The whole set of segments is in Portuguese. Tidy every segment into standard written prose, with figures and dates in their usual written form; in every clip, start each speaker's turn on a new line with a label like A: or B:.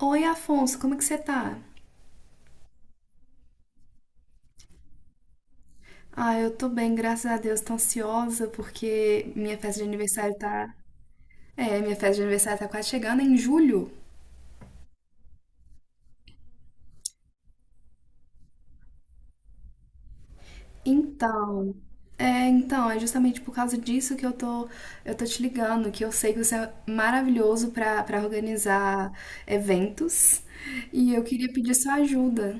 A: Oi, Afonso, como é que você tá? Ah, eu tô bem, graças a Deus. Tô ansiosa porque minha festa de aniversário tá. É, minha festa de aniversário tá quase chegando é em julho. Então, então, é justamente por causa disso que eu tô te ligando, que eu sei que você é maravilhoso pra para organizar eventos e eu queria pedir sua ajuda.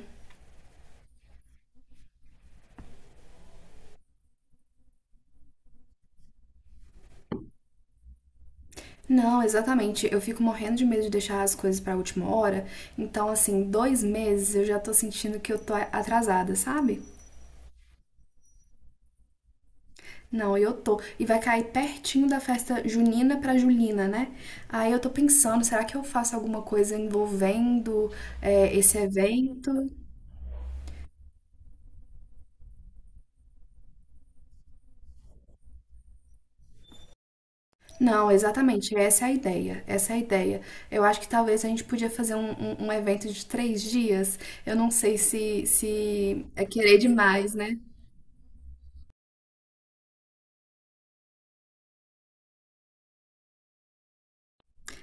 A: Não, exatamente. Eu fico morrendo de medo de deixar as coisas pra última hora. Então, assim, dois meses eu já tô sentindo que eu tô atrasada, sabe? Não, eu tô. E vai cair pertinho da festa junina pra Julina, né? Aí eu tô pensando, será que eu faço alguma coisa envolvendo esse evento? Não, exatamente, essa é a ideia. Essa é a ideia. Eu acho que talvez a gente podia fazer um evento de 3 dias. Eu não sei se é querer demais, né?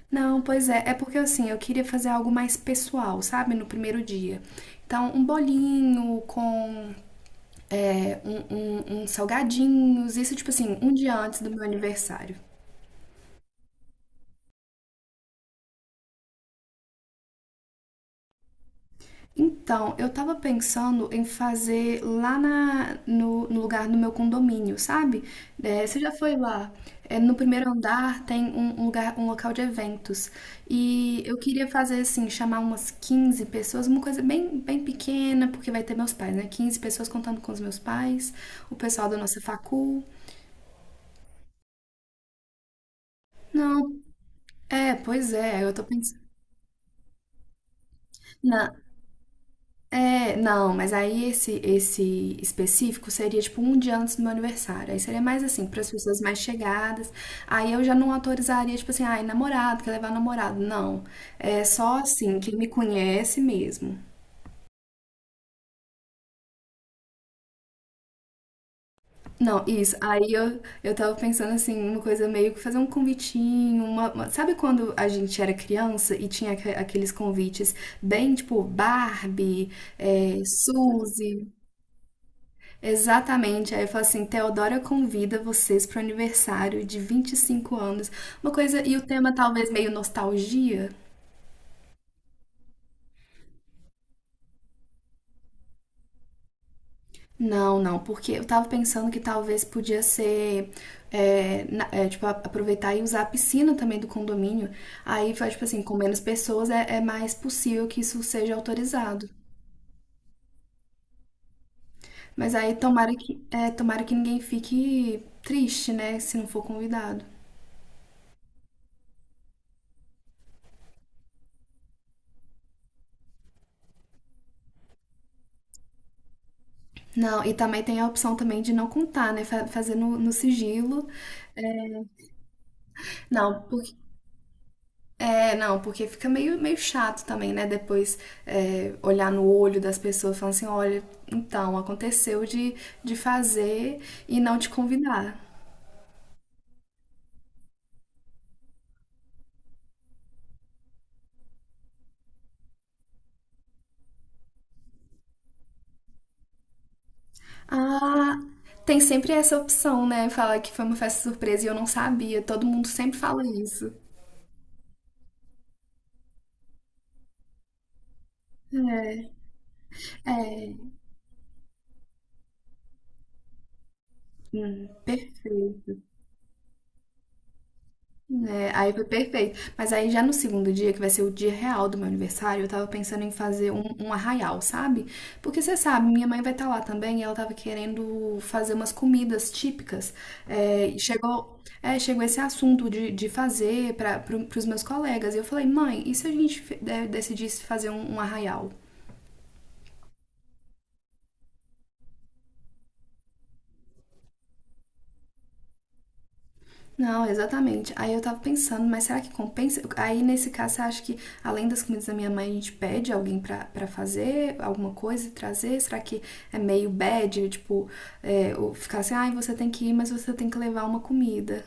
A: Não, pois é. É porque assim, eu queria fazer algo mais pessoal, sabe? No primeiro dia. Então, um bolinho com é, um, uns salgadinhos, isso tipo assim, um dia antes do meu aniversário. Então, eu tava pensando em fazer lá na, no, no lugar do meu condomínio, sabe? É, você já foi lá? É, no primeiro andar tem um lugar, um local de eventos. E eu queria fazer assim, chamar umas 15 pessoas, uma coisa bem, bem pequena, porque vai ter meus pais, né? Quinze pessoas contando com os meus pais, o pessoal da nossa facul. Não, é, pois é, eu tô pensando. É, não, mas aí esse específico seria tipo um dia antes do meu aniversário. Aí seria mais assim, para as pessoas mais chegadas. Aí eu já não autorizaria, tipo assim, ai, namorado, quer levar namorado. Não. É só assim, quem me conhece mesmo. Não, isso. Aí eu tava pensando assim, uma coisa meio que fazer um convitinho, sabe quando a gente era criança e tinha aqueles convites bem tipo Barbie, é, Suzy? Exatamente. Aí eu falo assim, Teodora convida vocês para o aniversário de 25 anos. Uma coisa, e o tema talvez meio nostalgia? Não, não, porque eu tava pensando que talvez podia ser, é, tipo, aproveitar e usar a piscina também do condomínio. Aí, faz, tipo assim, com menos pessoas é mais possível que isso seja autorizado. Mas aí tomara que, é, tomara que ninguém fique triste, né, se não for convidado. Não, e também tem a opção também de não contar, né? Fazer no sigilo. Não, porque, não, porque fica meio chato também, né? Depois é, olhar no olho das pessoas falando assim, olha, então, aconteceu de fazer e não te convidar. Ah, tem sempre essa opção, né? Falar que foi uma festa surpresa e eu não sabia. Todo mundo sempre fala isso. É, é, hum, sei. É, aí foi perfeito. Mas aí já no segundo dia, que vai ser o dia real do meu aniversário, eu tava pensando em fazer um arraial, sabe? Porque você sabe, minha mãe vai estar lá também e ela tava querendo fazer umas comidas típicas. Chegou esse assunto de fazer pros meus colegas. E eu falei, mãe, e se a gente decidisse fazer um arraial? Não, exatamente. Aí eu tava pensando, mas será que compensa? Aí nesse caso, você acha que além das comidas da minha mãe, a gente pede alguém pra fazer alguma coisa e trazer? Será que é meio bad? Tipo, é, ou ficar assim, ai, você tem que ir, mas você tem que levar uma comida.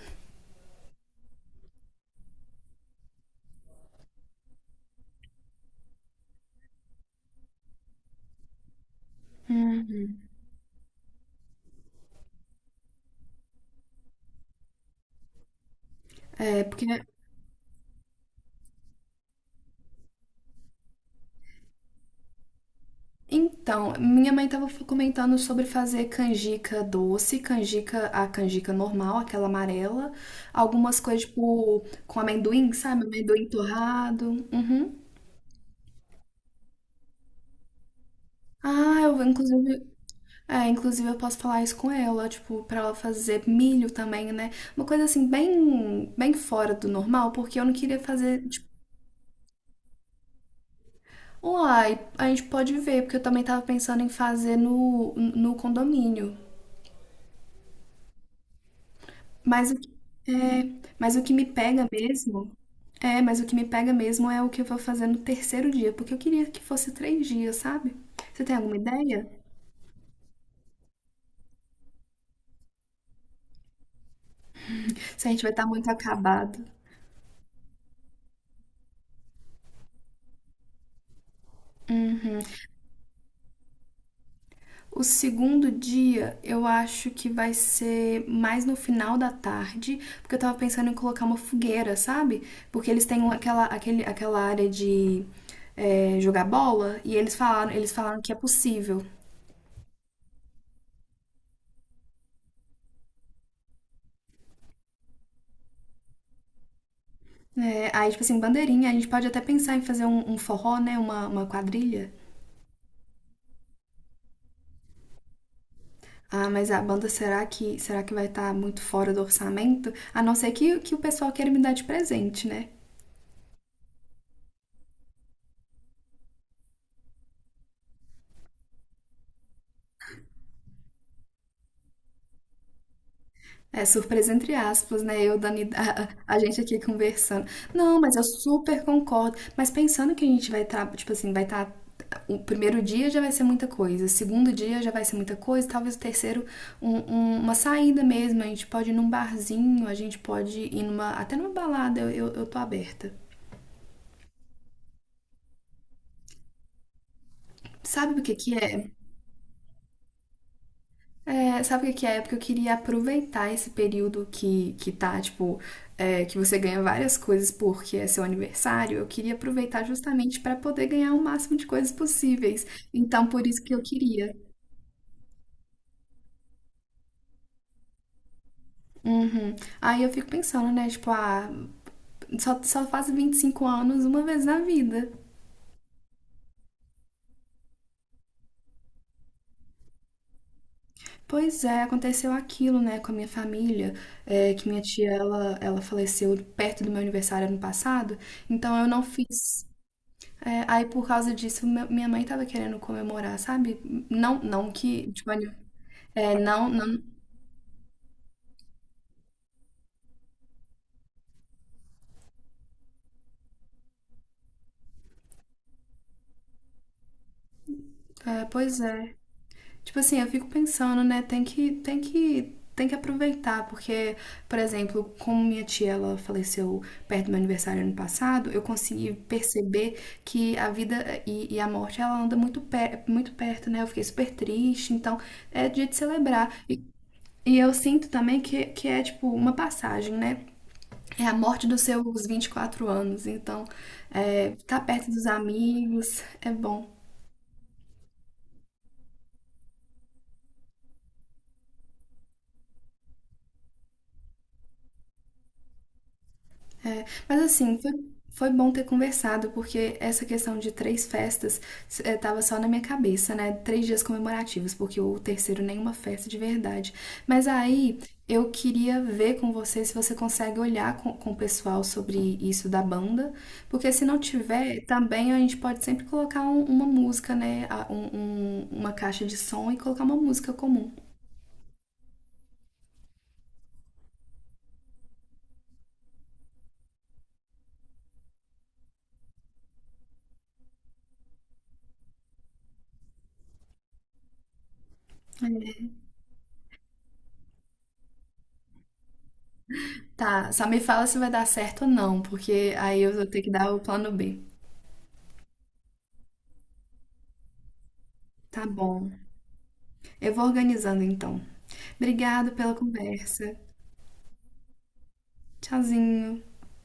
A: É, porque. Então, minha mãe tava comentando sobre fazer canjica doce, canjica, a canjica normal, aquela amarela, algumas coisas tipo com amendoim, sabe? Amendoim torrado. Uhum. Ah, eu inclusive. É, inclusive eu posso falar isso com ela, tipo, pra ela fazer milho também, né? Uma coisa assim, bem, bem fora do normal, porque eu não queria fazer, tipo, uai, a gente pode ver, porque eu também tava pensando em fazer no condomínio. Mas o que, é, mas o que me pega mas o que me pega mesmo é o que eu vou fazer no terceiro dia, porque eu queria que fosse 3 dias, sabe? Você tem alguma ideia? Se a gente vai estar muito acabado. Uhum. O segundo dia eu acho que vai ser mais no final da tarde, porque eu tava pensando em colocar uma fogueira, sabe? Porque eles têm aquela área de jogar bola e eles falaram que é possível. É, aí, tipo assim, bandeirinha, a gente pode até pensar em fazer um forró, né? Uma quadrilha. Ah, mas a banda será que vai estar muito fora do orçamento? A não ser que o pessoal queira me dar de presente, né? É surpresa entre aspas, né? Eu, Dani, a gente aqui conversando. Não, mas eu super concordo. Mas pensando que a gente vai estar, tipo assim, vai estar. O primeiro dia já vai ser muita coisa, o segundo dia já vai ser muita coisa, talvez o terceiro, uma saída mesmo. A gente pode ir num barzinho, a gente pode ir numa, até numa balada, eu tô aberta. Sabe o que que é? É, sabe o que que é? Porque eu queria aproveitar esse período que tá, tipo, que você ganha várias coisas porque é seu aniversário. Eu queria aproveitar justamente para poder ganhar o máximo de coisas possíveis. Então, por isso que eu queria. Uhum. Aí eu fico pensando, né? Tipo, ah, só faz 25 anos uma vez na vida. Pois é, aconteceu aquilo, né, com a minha família, que minha tia, ela faleceu perto do meu aniversário ano passado, então eu não fiz. É, aí por causa disso, minha mãe tava querendo comemorar, sabe? Não, não que, tipo, ani- é, não, não, é, pois é. Tipo assim, eu fico pensando, né? Tem que aproveitar, porque, por exemplo, como minha tia ela faleceu perto do meu aniversário ano passado, eu consegui perceber que a vida e a morte ela anda muito perto, né? Eu fiquei super triste, então é dia de celebrar. E eu sinto também que é tipo uma passagem, né? É a morte dos seus 24 anos, então ficar perto dos amigos é bom. É, mas assim, foi bom ter conversado, porque essa questão de 3 festas estava só na minha cabeça, né? 3 dias comemorativos, porque o terceiro nenhuma festa de verdade. Mas aí eu queria ver com você se você consegue olhar com o pessoal sobre isso da banda, porque se não tiver, também a gente pode sempre colocar uma música, né? Uma caixa de som e colocar uma música comum. Tá, só me fala se vai dar certo ou não, porque aí eu vou ter que dar o plano B. Tá bom. Eu vou organizando então. Obrigado pela conversa. Tchauzinho.